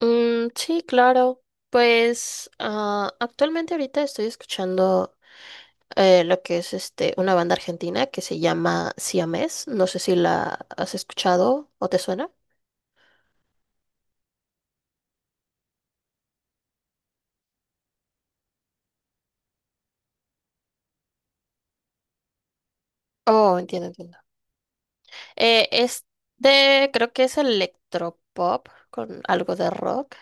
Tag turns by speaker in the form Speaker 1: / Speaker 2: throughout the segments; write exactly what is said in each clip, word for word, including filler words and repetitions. Speaker 1: Mm, sí, claro. Pues ah, actualmente ahorita estoy escuchando eh, lo que es este una banda argentina que se llama Siamés. No sé si la has escuchado o te suena. Oh, entiendo, entiendo. Eh, es de, creo que es electropop con algo de rock.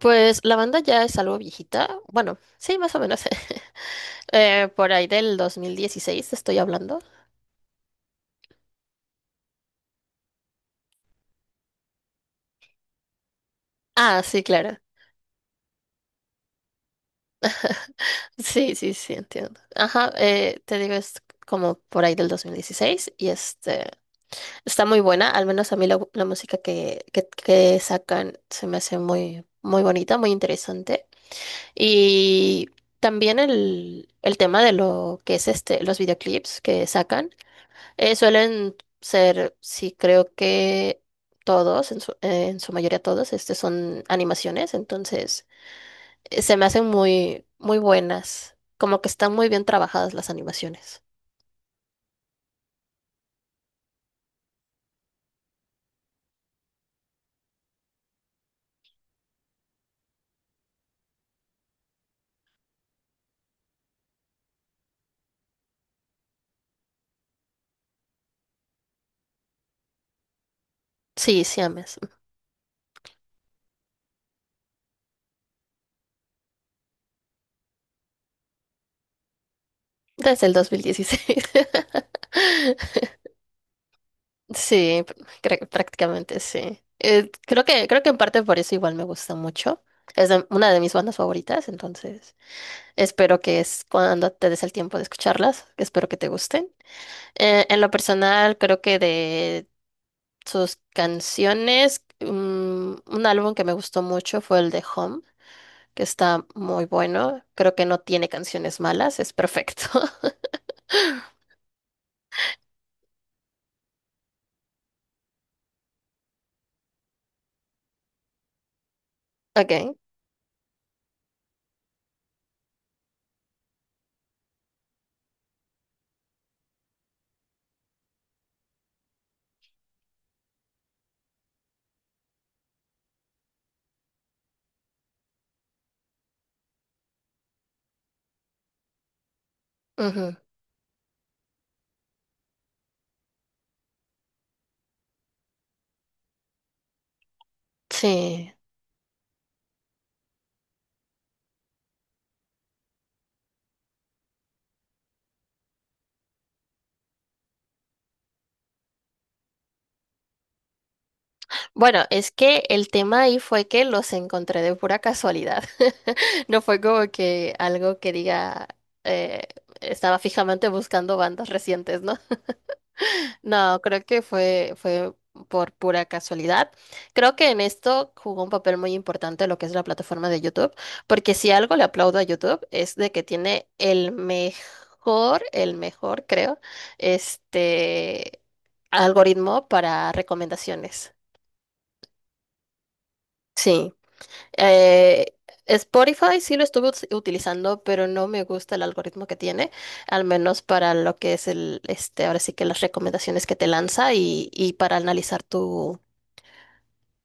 Speaker 1: Pues la banda ya es algo viejita. Bueno, sí, más o menos. Eh, por ahí del dos mil dieciséis te estoy hablando. Ah, sí, claro. Sí, sí, sí, entiendo. Ajá, eh, te digo, es como por ahí del dos mil dieciséis y este está muy buena, al menos a mí la, la música que, que, que sacan se me hace muy, muy bonita, muy interesante. Y también el, el tema de lo que es este, los videoclips que sacan eh, suelen ser, sí, creo que todos, en su, eh, en su mayoría todos, este son animaciones. Entonces eh, se me hacen muy, muy buenas. Como que están muy bien trabajadas las animaciones. Sí, siames. Desde el dos mil dieciséis. Sí, pr- cre- prácticamente sí. Eh, creo que, creo que en parte por eso igual me gusta mucho. Es de- una de mis bandas favoritas. Entonces espero que es cuando te des el tiempo de escucharlas, espero que te gusten. Eh, en lo personal, creo que de sus canciones, mm, un álbum que me gustó mucho fue el de Home, que está muy bueno. Creo que no tiene canciones malas, es perfecto. Ok, ujú, sí. Bueno, es que el tema ahí fue que los encontré de pura casualidad. No fue como que algo que diga, eh, estaba fijamente buscando bandas recientes, ¿no? No, creo que fue, fue por pura casualidad. Creo que en esto jugó un papel muy importante lo que es la plataforma de YouTube, porque si algo le aplaudo a YouTube es de que tiene el mejor, el mejor, creo, este algoritmo para recomendaciones. Sí. Eh, Spotify sí lo estuve us- utilizando, pero no me gusta el algoritmo que tiene, al menos para lo que es el, este, ahora sí que las recomendaciones que te lanza, y, y para analizar tu,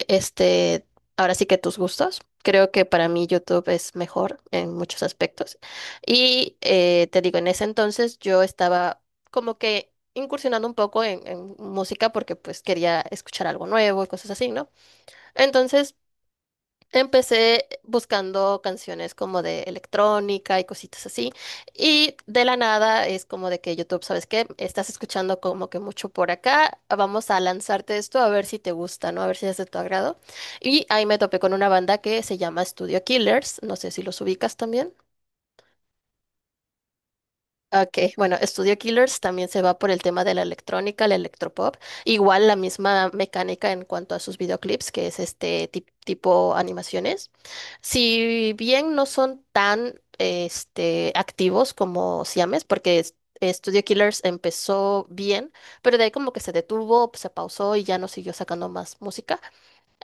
Speaker 1: este, ahora sí que tus gustos. Creo que para mí YouTube es mejor en muchos aspectos. Y eh, te digo, en ese entonces yo estaba como que incursionando un poco en en música, porque pues quería escuchar algo nuevo y cosas así, ¿no? Entonces empecé buscando canciones como de electrónica y cositas así. Y de la nada es como de que YouTube, ¿sabes qué? Estás escuchando como que mucho por acá. Vamos a lanzarte esto a ver si te gusta, ¿no? A ver si es de tu agrado. Y ahí me topé con una banda que se llama Studio Killers. No sé si los ubicas también. Ok, bueno, Studio Killers también se va por el tema de la electrónica, el electropop, igual la misma mecánica en cuanto a sus videoclips, que es este tip- tipo animaciones. Si bien no son tan este, activos como Siames, porque es- Studio Killers empezó bien, pero de ahí como que se detuvo, se pausó y ya no siguió sacando más música.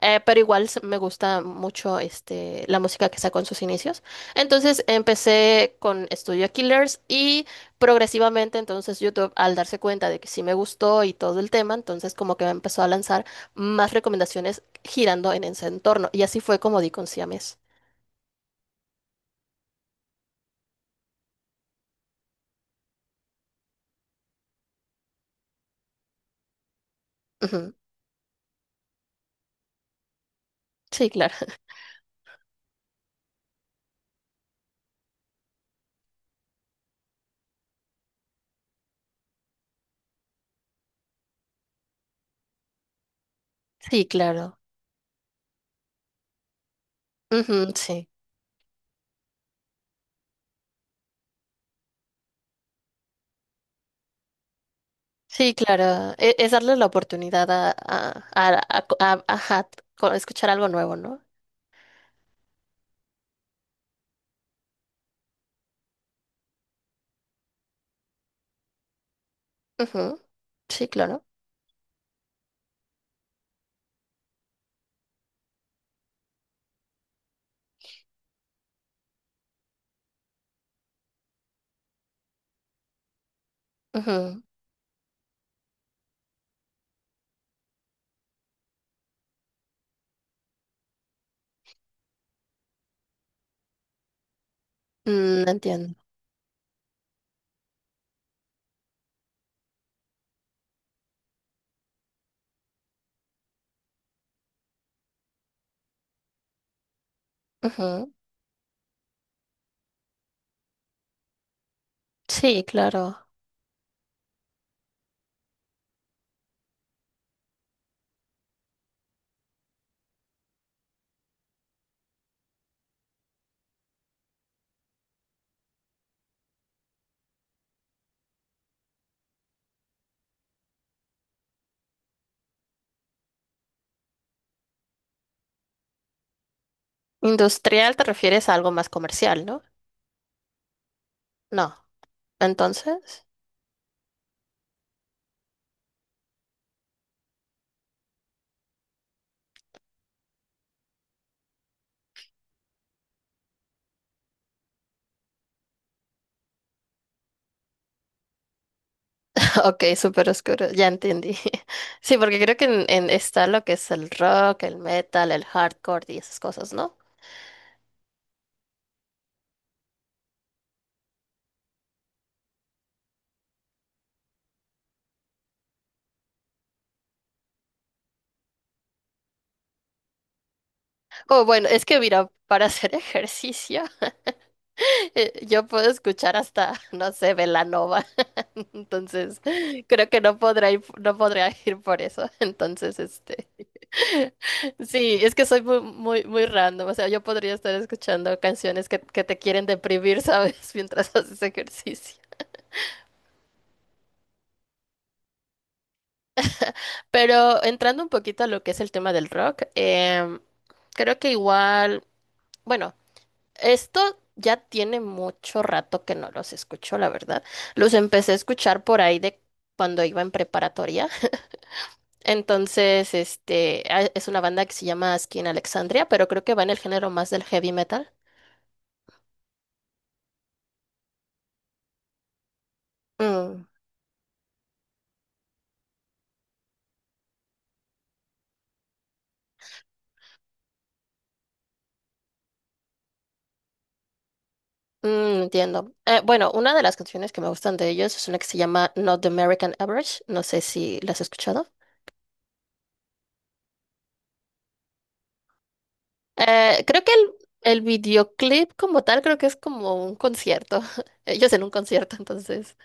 Speaker 1: Eh, pero igual se- me gusta mucho este, la música que sacó en sus inicios. Entonces empecé con Studio Killers y progresivamente entonces YouTube, al darse cuenta de que sí me gustó y todo el tema, entonces como que me empezó a lanzar más recomendaciones girando en ese entorno. Y así fue como di con Siames. Ujú. Sí, claro. Sí, claro. Ujú, sí. Sí, claro. E- Es, darle la oportunidad a, a, a, a- a- ajá, co- escuchar algo nuevo, ¿no? Ujú, sí, claro. Ujú. Mm, entiendo. Ujú. Sí, claro. ¿Industrial te refieres a algo más comercial, no? No. Entonces. Ok, súper oscuro. Ya entendí. Sí, porque creo que en, en- está lo que es el rock, el metal, el hardcore y esas cosas, ¿no? Oh, bueno, es que mira, para hacer ejercicio, eh, yo puedo escuchar hasta, no sé, Belanova. Entonces, creo que no podrá ir, no podrá ir por eso. Entonces, este. Sí, es que soy muy, muy, muy random. O sea, yo podría estar escuchando canciones que, que te quieren deprimir, ¿sabes? Mientras haces ejercicio. Pero entrando un poquito a lo que es el tema del rock, em, creo que igual, bueno, esto ya tiene mucho rato que no los escucho, la verdad. Los empecé a escuchar por ahí de cuando iba en preparatoria. Entonces, este, a- es una banda que se llama Skin Alexandria, pero creo que va en el género más del heavy metal. Mm. Mm, entiendo. Eh, bueno, una de las canciones que me gustan de ellos es una que se llama Not the American Average. No sé si la has escuchado. Eh, creo que el, el videoclip como tal, creo que es como un concierto. Ellos en un concierto. Entonces.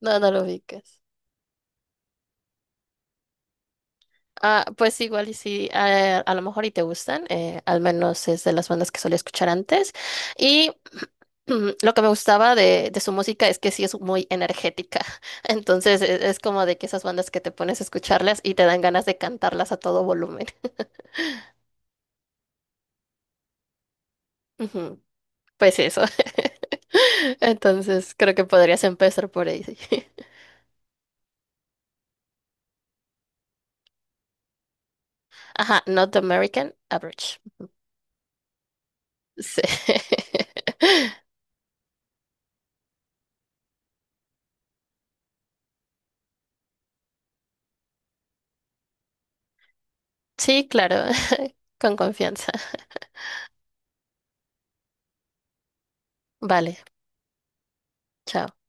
Speaker 1: No, no lo ubicas. Ah, pues igual y sí, a, a lo mejor y te gustan. Eh, al menos es de las bandas que solía escuchar antes. Y lo que me gustaba de, de su música es que sí es muy energética. Entonces e- es como de que esas bandas que te pones a escucharlas y te dan ganas de cantarlas a todo volumen. Ujú, pues eso. Entonces creo que podrías empezar por ahí, sí. Ajá, Not American Average. Sí. Sí, claro, con confianza. Vale, chao.